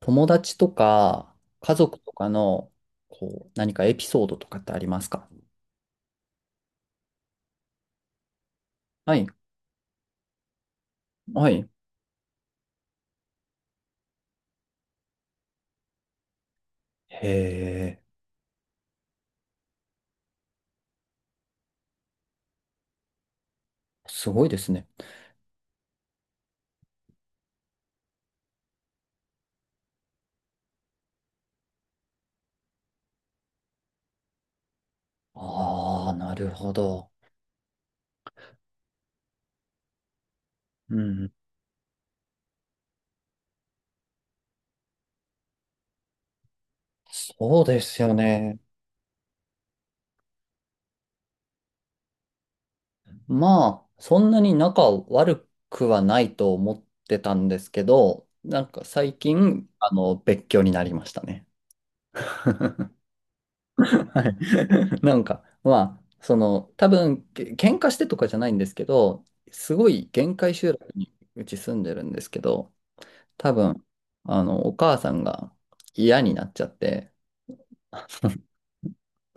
友達とか家族とかのこう何かエピソードとかってありますか？はい。はい。へえ、すごいですね。ああ、なるほど。うん。そうですよね。まあ、そんなに仲悪くはないと思ってたんですけど、なんか最近、あの、別居になりましたね。はい。なんか、まあ、その、多分、喧嘩してとかじゃないんですけど、すごい限界集落にうち住んでるんですけど、多分、あの、お母さんが嫌になっちゃって、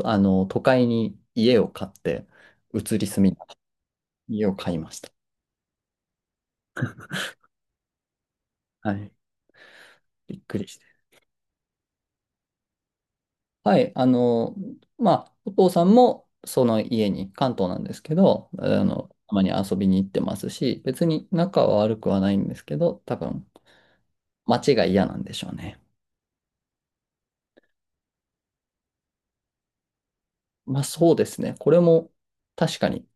あの、都会に家を買って、移り住み、家を買いました。はい。びっくりして。はい。あの、まあ、お父さんも、その家に、関東なんですけど、あの、たまに遊びに行ってますし、別に仲は悪くはないんですけど、多分、街が嫌なんでしょうね。まあそうですね。これも確かに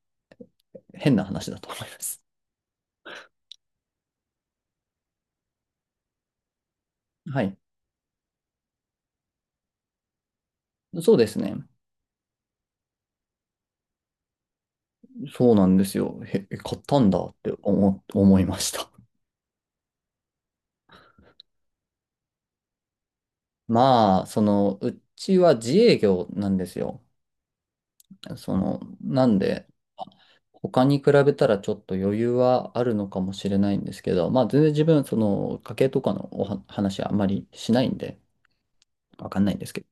変な話だと思います。はい。そうですね。そうなんですよ。へえ、買ったんだって思いました。まあ、その、うちは自営業なんですよ。その、なんで、あ他に比べたらちょっと余裕はあるのかもしれないんですけど、まあ全然自分、その、家計とかの話はあまりしないんで、わかんないんですけど。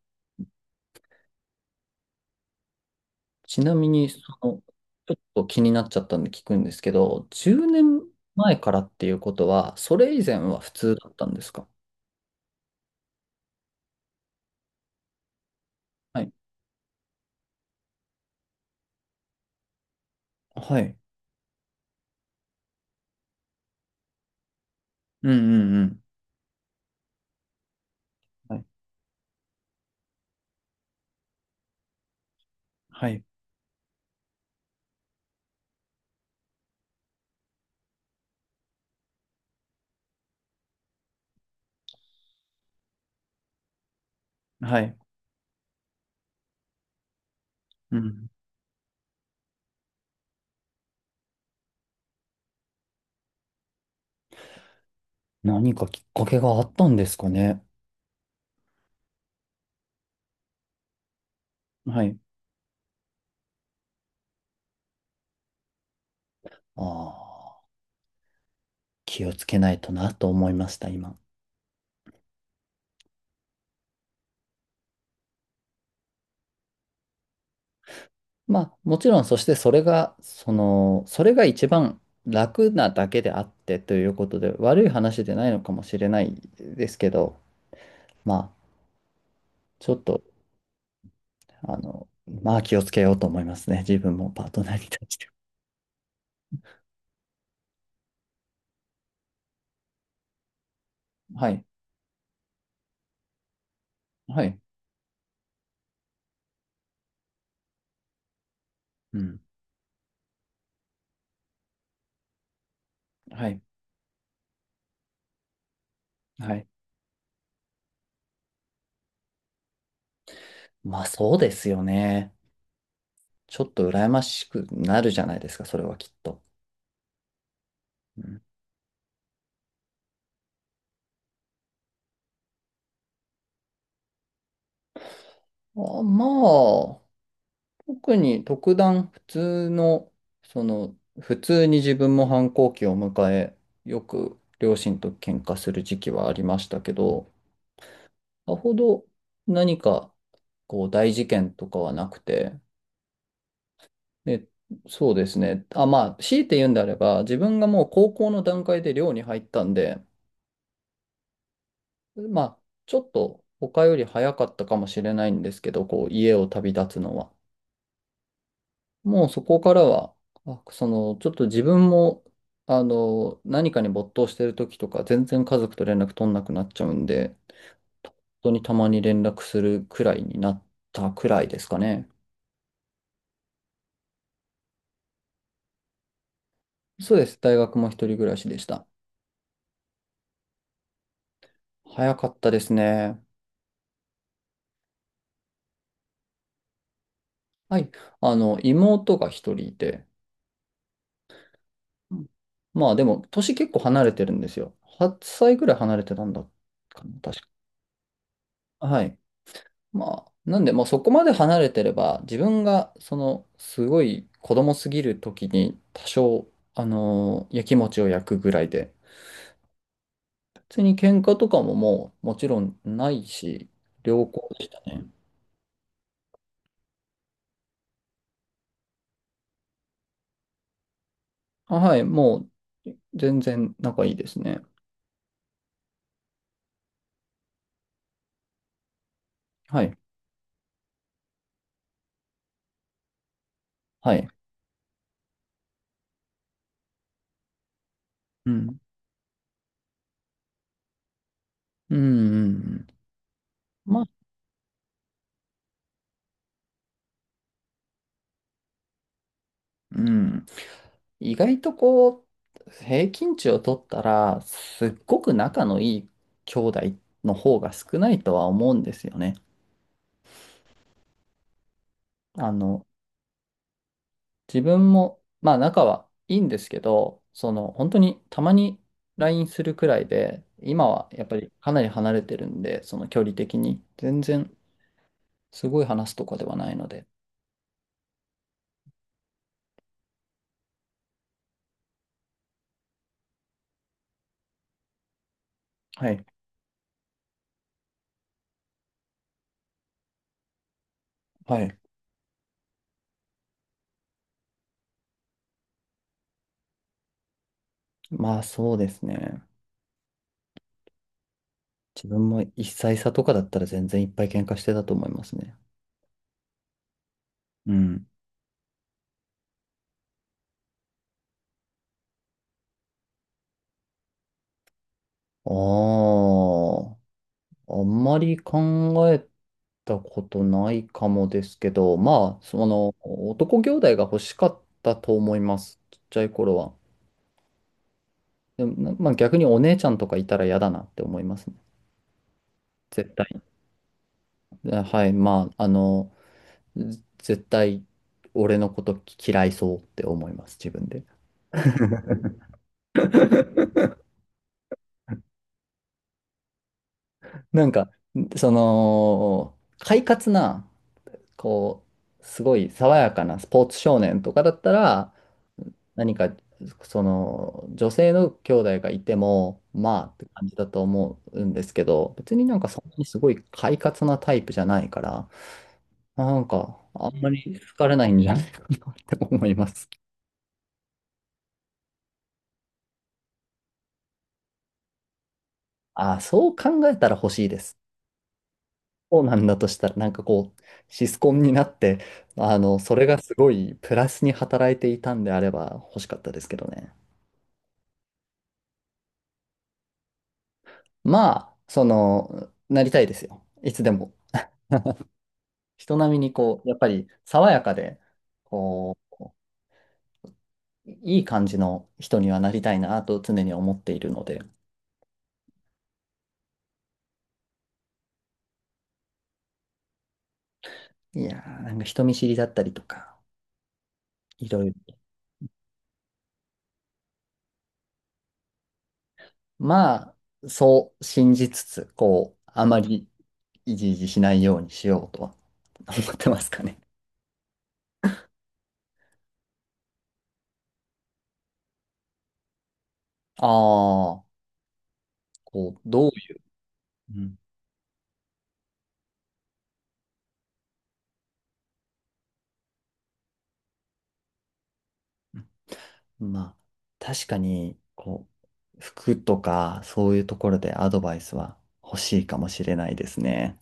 ちなみに、その、ちょっと気になっちゃったんで聞くんですけど、10年前からっていうことは、それ以前は普通だったんですか？はい。はい。うんうんうん。はい。はい。はい。うん。何かきっかけがあったんですかね。はい。ああ、気をつけないとなと思いました、今。まあ、もちろん、そしてそれが、その、それが一番楽なだけであってということで、悪い話でないのかもしれないですけど、まあ、ちょっとあの、まあ気をつけようと思いますね。自分もパートナーに対しては。い。はい。うん。はい。はい。まあそうですよね。ちょっと羨ましくなるじゃないですか、それはきっと。うん。あ、まあ、特に特段普通の、その、普通に自分も反抗期を迎え、よく両親と喧嘩する時期はありましたけど、さほど何かこう大事件とかはなくて、で、そうですね。あ、まあ、強いて言うんであれば、自分がもう高校の段階で寮に入ったんで、まあ、ちょっと他より早かったかもしれないんですけど、こう、家を旅立つのは。もうそこからは、あ、その、ちょっと自分も、あの、何かに没頭してる時とか、全然家族と連絡取んなくなっちゃうんで、本当にたまに連絡するくらいになったくらいですかね。そうです。大学も一人暮らしでした。早かったですね。はい。あの、妹が一人いて、うん。まあでも、年結構離れてるんですよ。8歳ぐらい離れてたんだかな、確か。はい。まあ、なんで、もうそこまで離れてれば、自分が、その、すごい子供すぎる時に、多少、やきもちを焼くぐらいで、別に喧嘩とかももう、もちろんないし、良好でしたね。あ、はい、もう、全然仲いいですね。はい。はい。うん。うん、うんうん。まあ、うん。意外とこう、平均値を取ったら、すっごく仲のいい兄弟の方が少ないとは思うんですよね。あの、自分も、まあ仲はいいんですけど、その、本当にたまに LINE するくらいで、今はやっぱりかなり離れてるんで、その距離的に、全然すごい話すとかではないので。はい。はい。まあそうですね。自分も一歳差とかだったら全然いっぱい喧嘩してたと思いますね。うん。ああ、あんまり考えたことないかもですけど、まあ、その、男兄弟が欲しかったと思います。ちっちゃい頃は。でも、まあ逆にお姉ちゃんとかいたら嫌だなって思いますね。絶対。え、はい、まあ、あの、絶対俺のこと嫌いそうって思います、自分で。なんか、その、快活な、こう、すごい爽やかなスポーツ少年とかだったら、何か、その、女性の兄弟がいても、まあって感じだと思うんですけど、別になんかそんなにすごい快活なタイプじゃないから、なんか、あんまり好かれないんじゃないかなって思います。ああ、そう考えたら欲しいです。そうなんだとしたら、なんかこう、シスコンになって、あの、それがすごいプラスに働いていたんであれば欲しかったですけどね。まあ、その、なりたいですよ。いつでも。人並みにこう、やっぱり爽やかで、こう、いい感じの人にはなりたいなと常に思っているので、いやー、なんか人見知りだったりとか、いろいろ。まあ、そう信じつつ、こう、あまりいじいじしないようにしようとは思ってますかね。ああ、こう、どういう、うん、まあ、確かに、こう、服とか、そういうところでアドバイスは欲しいかもしれないですね。